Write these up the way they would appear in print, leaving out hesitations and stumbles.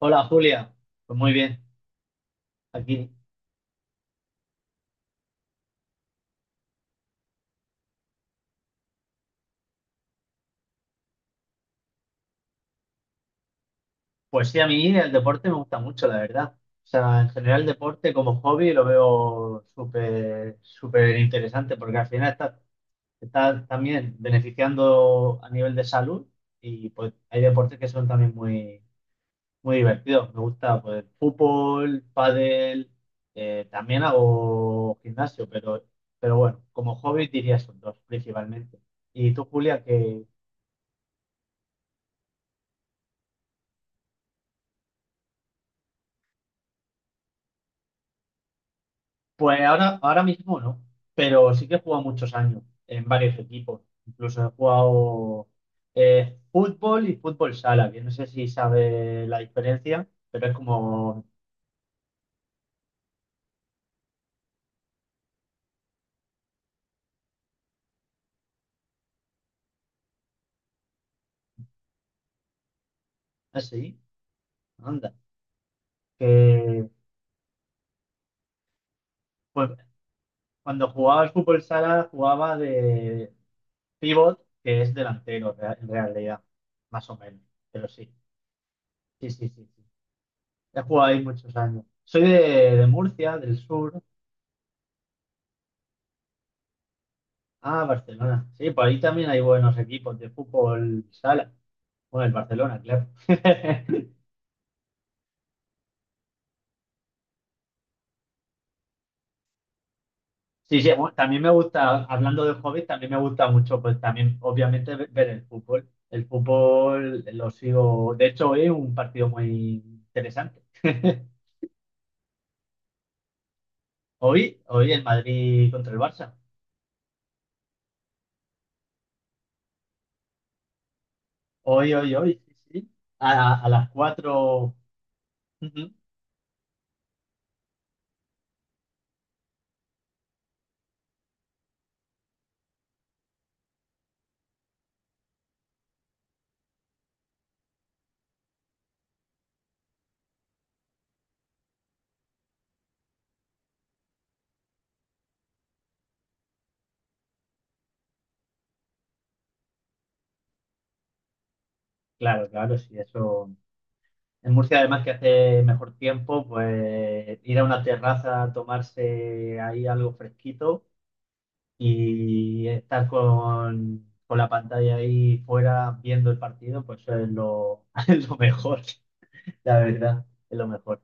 Hola Julia, pues muy bien, aquí. Pues sí, a mí el deporte me gusta mucho, la verdad. O sea, en general el deporte como hobby lo veo súper, súper interesante porque al final está también beneficiando a nivel de salud y pues hay deportes que son también muy, muy divertidos. Me gusta pues fútbol, pádel, también hago gimnasio, pero bueno, como hobby diría esos dos principalmente. ¿Y tú, Julia, qué? Pues ahora, ahora mismo no, pero sí que he jugado muchos años en varios equipos. Incluso he jugado fútbol y fútbol sala, que no sé si sabe la diferencia, pero es como así, anda. Que, pues, cuando jugaba al fútbol sala jugaba de pivot, que es en realidad, más o menos, pero sí, sí, sí, sí, sí. He jugado ahí muchos años. Soy de Murcia, del sur. Ah, Barcelona. Sí, por ahí también hay buenos equipos de fútbol sala. Bueno, el Barcelona, claro. Sí, sí, bueno, también me gusta, hablando de hobbies, también me gusta mucho, pues también, obviamente, ver el fútbol. El fútbol lo sigo. De hecho, hoy un partido muy interesante. Hoy, hoy el Madrid contra el Barça. Hoy, hoy, hoy, sí, sí. A las 4. Ujú. Claro, claro, sí, eso. En Murcia, además que hace mejor tiempo, pues ir a una terraza, a tomarse ahí algo fresquito y estar con la pantalla ahí fuera viendo el partido, pues eso es lo, es lo mejor, la verdad, es lo mejor.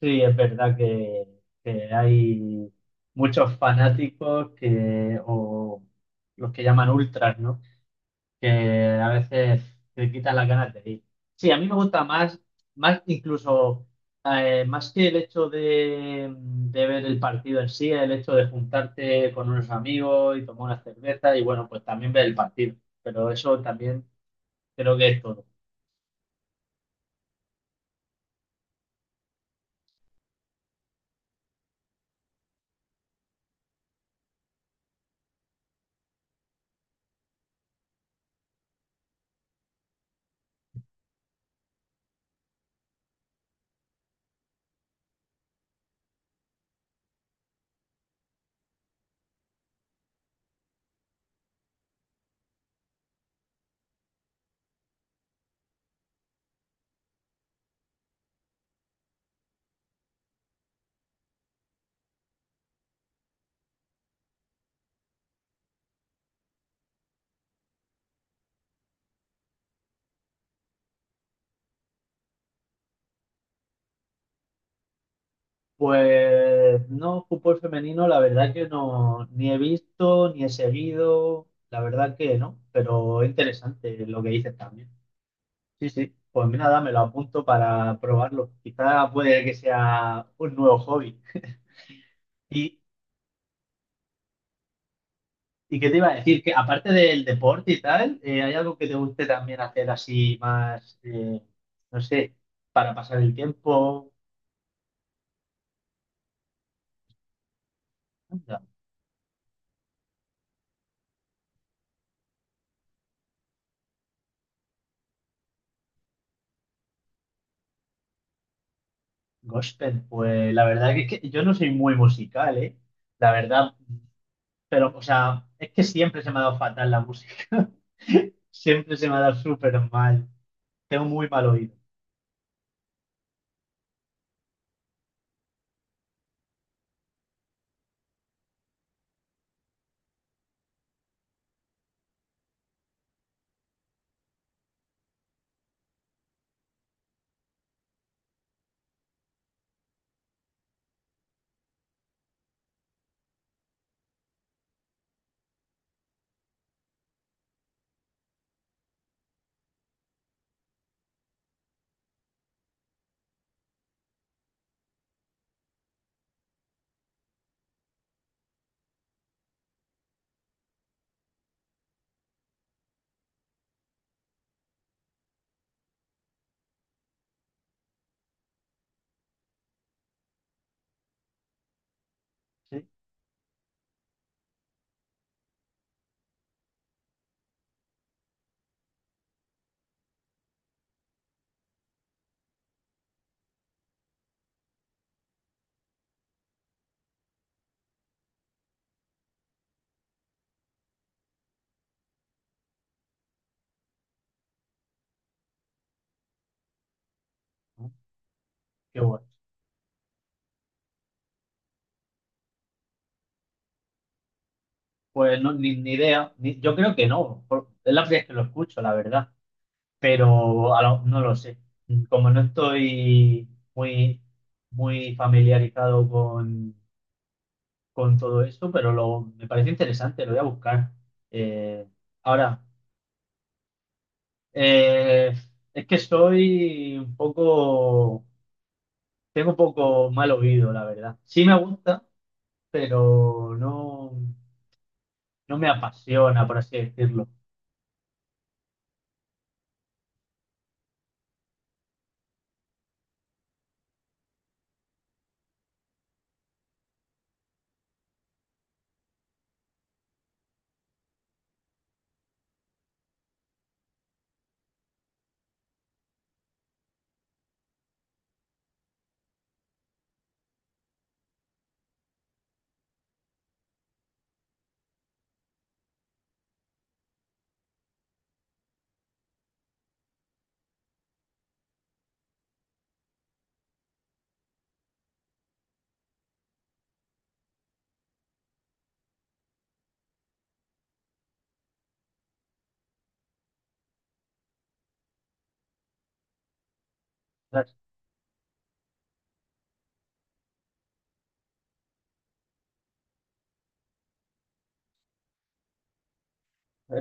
Sí, es verdad que hay muchos fanáticos que, o los que llaman ultras, ¿no? Que a veces te quitan las ganas de ir. Sí, a mí me gusta más, más incluso, más que el hecho de ver el partido en sí, el hecho de juntarte con unos amigos y tomar una cerveza y bueno, pues también ver el partido. Pero eso también creo que es todo. Pues no, fútbol femenino, la verdad que no, ni he visto, ni he seguido, la verdad que no, pero interesante lo que dices también. Sí, sí. Pues nada, me lo apunto para probarlo. Quizá puede que sea un nuevo hobby. ¿Y, y qué te iba a decir? Que aparte del deporte y tal, ¿hay algo que te guste también hacer así más, no sé, para pasar el tiempo? Anda. Gospel, pues la verdad que, es que yo no soy muy musical, ¿eh? La verdad, pero, o sea, es que siempre se me ha dado fatal la música. Siempre se me ha dado súper mal. Tengo muy mal oído. Sí, qué bueno. Pues no, ni, ni idea. Yo creo que no. Es la primera vez que lo escucho, la verdad. Pero no lo sé. Como no estoy muy, muy familiarizado con todo esto, pero lo, me parece interesante, lo voy a buscar. Eh, ahora, eh, es que soy un poco, tengo un poco mal oído, la verdad. Sí me gusta, pero no, no me apasiona, por así decirlo.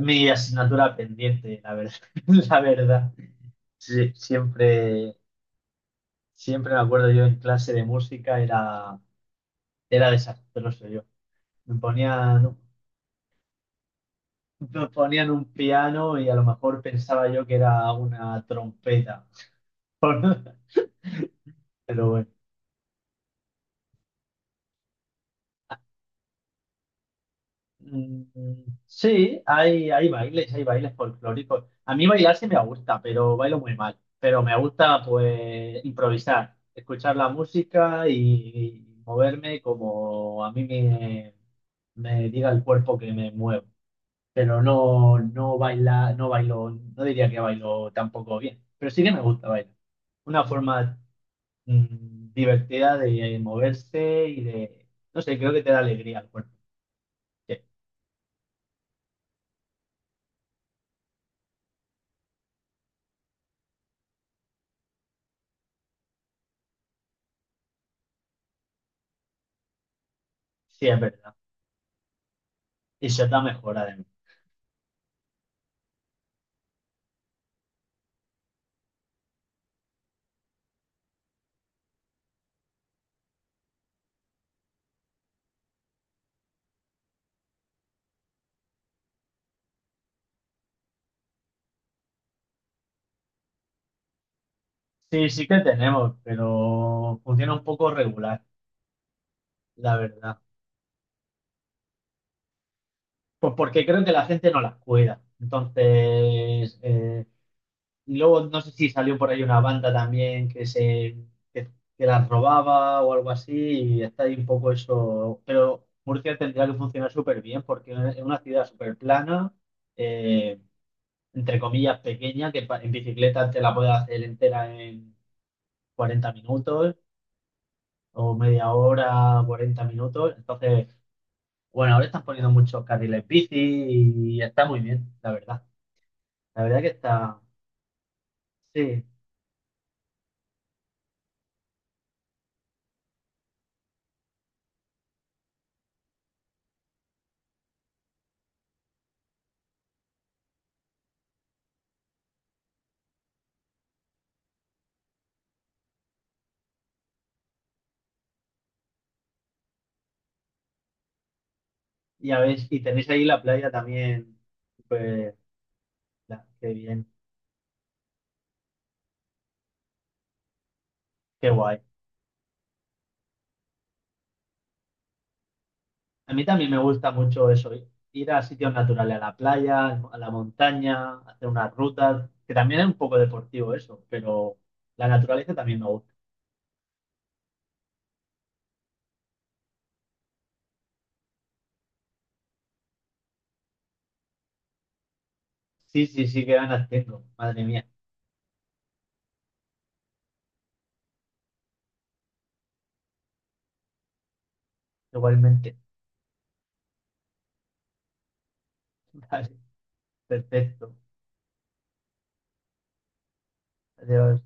Mi asignatura pendiente, la verdad. La verdad. Sí, siempre, siempre me acuerdo yo en clase de música era desastroso yo. Me ponían, me ponían un piano y a lo mejor pensaba yo que era una trompeta, pero bueno. Mm, sí, hay, hay bailes folclóricos. A mí bailar sí me gusta, pero bailo muy mal. Pero me gusta pues improvisar, escuchar la música y moverme como a mí me diga el cuerpo que me muevo. Pero no, no baila, no bailo, no diría que bailo tampoco bien. Pero sí que me gusta bailar. Una forma divertida de moverse y de, no sé, creo que te da alegría al cuerpo. Sí, sí, es verdad. Y ser mejora de además. Sí, sí que tenemos, pero funciona un poco regular, la verdad. Pues porque creo que la gente no las cuida. Entonces, y luego no sé si salió por ahí una banda también que, que las robaba o algo así, y está ahí un poco eso. Pero Murcia tendría que funcionar súper bien porque es una ciudad súper plana, eh, entre comillas pequeña, que en bicicleta te la puedes hacer entera en 40 minutos o media hora, 40 minutos. Entonces, bueno, ahora están poniendo muchos carriles bici y está muy bien, la verdad. La verdad que está, sí. Y a ver, y tenéis ahí la playa también, pues, qué bien, qué guay. A mí también me gusta mucho eso, ir a sitios naturales, a la playa, a la montaña, hacer unas rutas, que también es un poco deportivo eso, pero la naturaleza también me gusta. Sí, sí, sí, qué ganas tengo, madre mía, igualmente. Vale, perfecto. Adiós.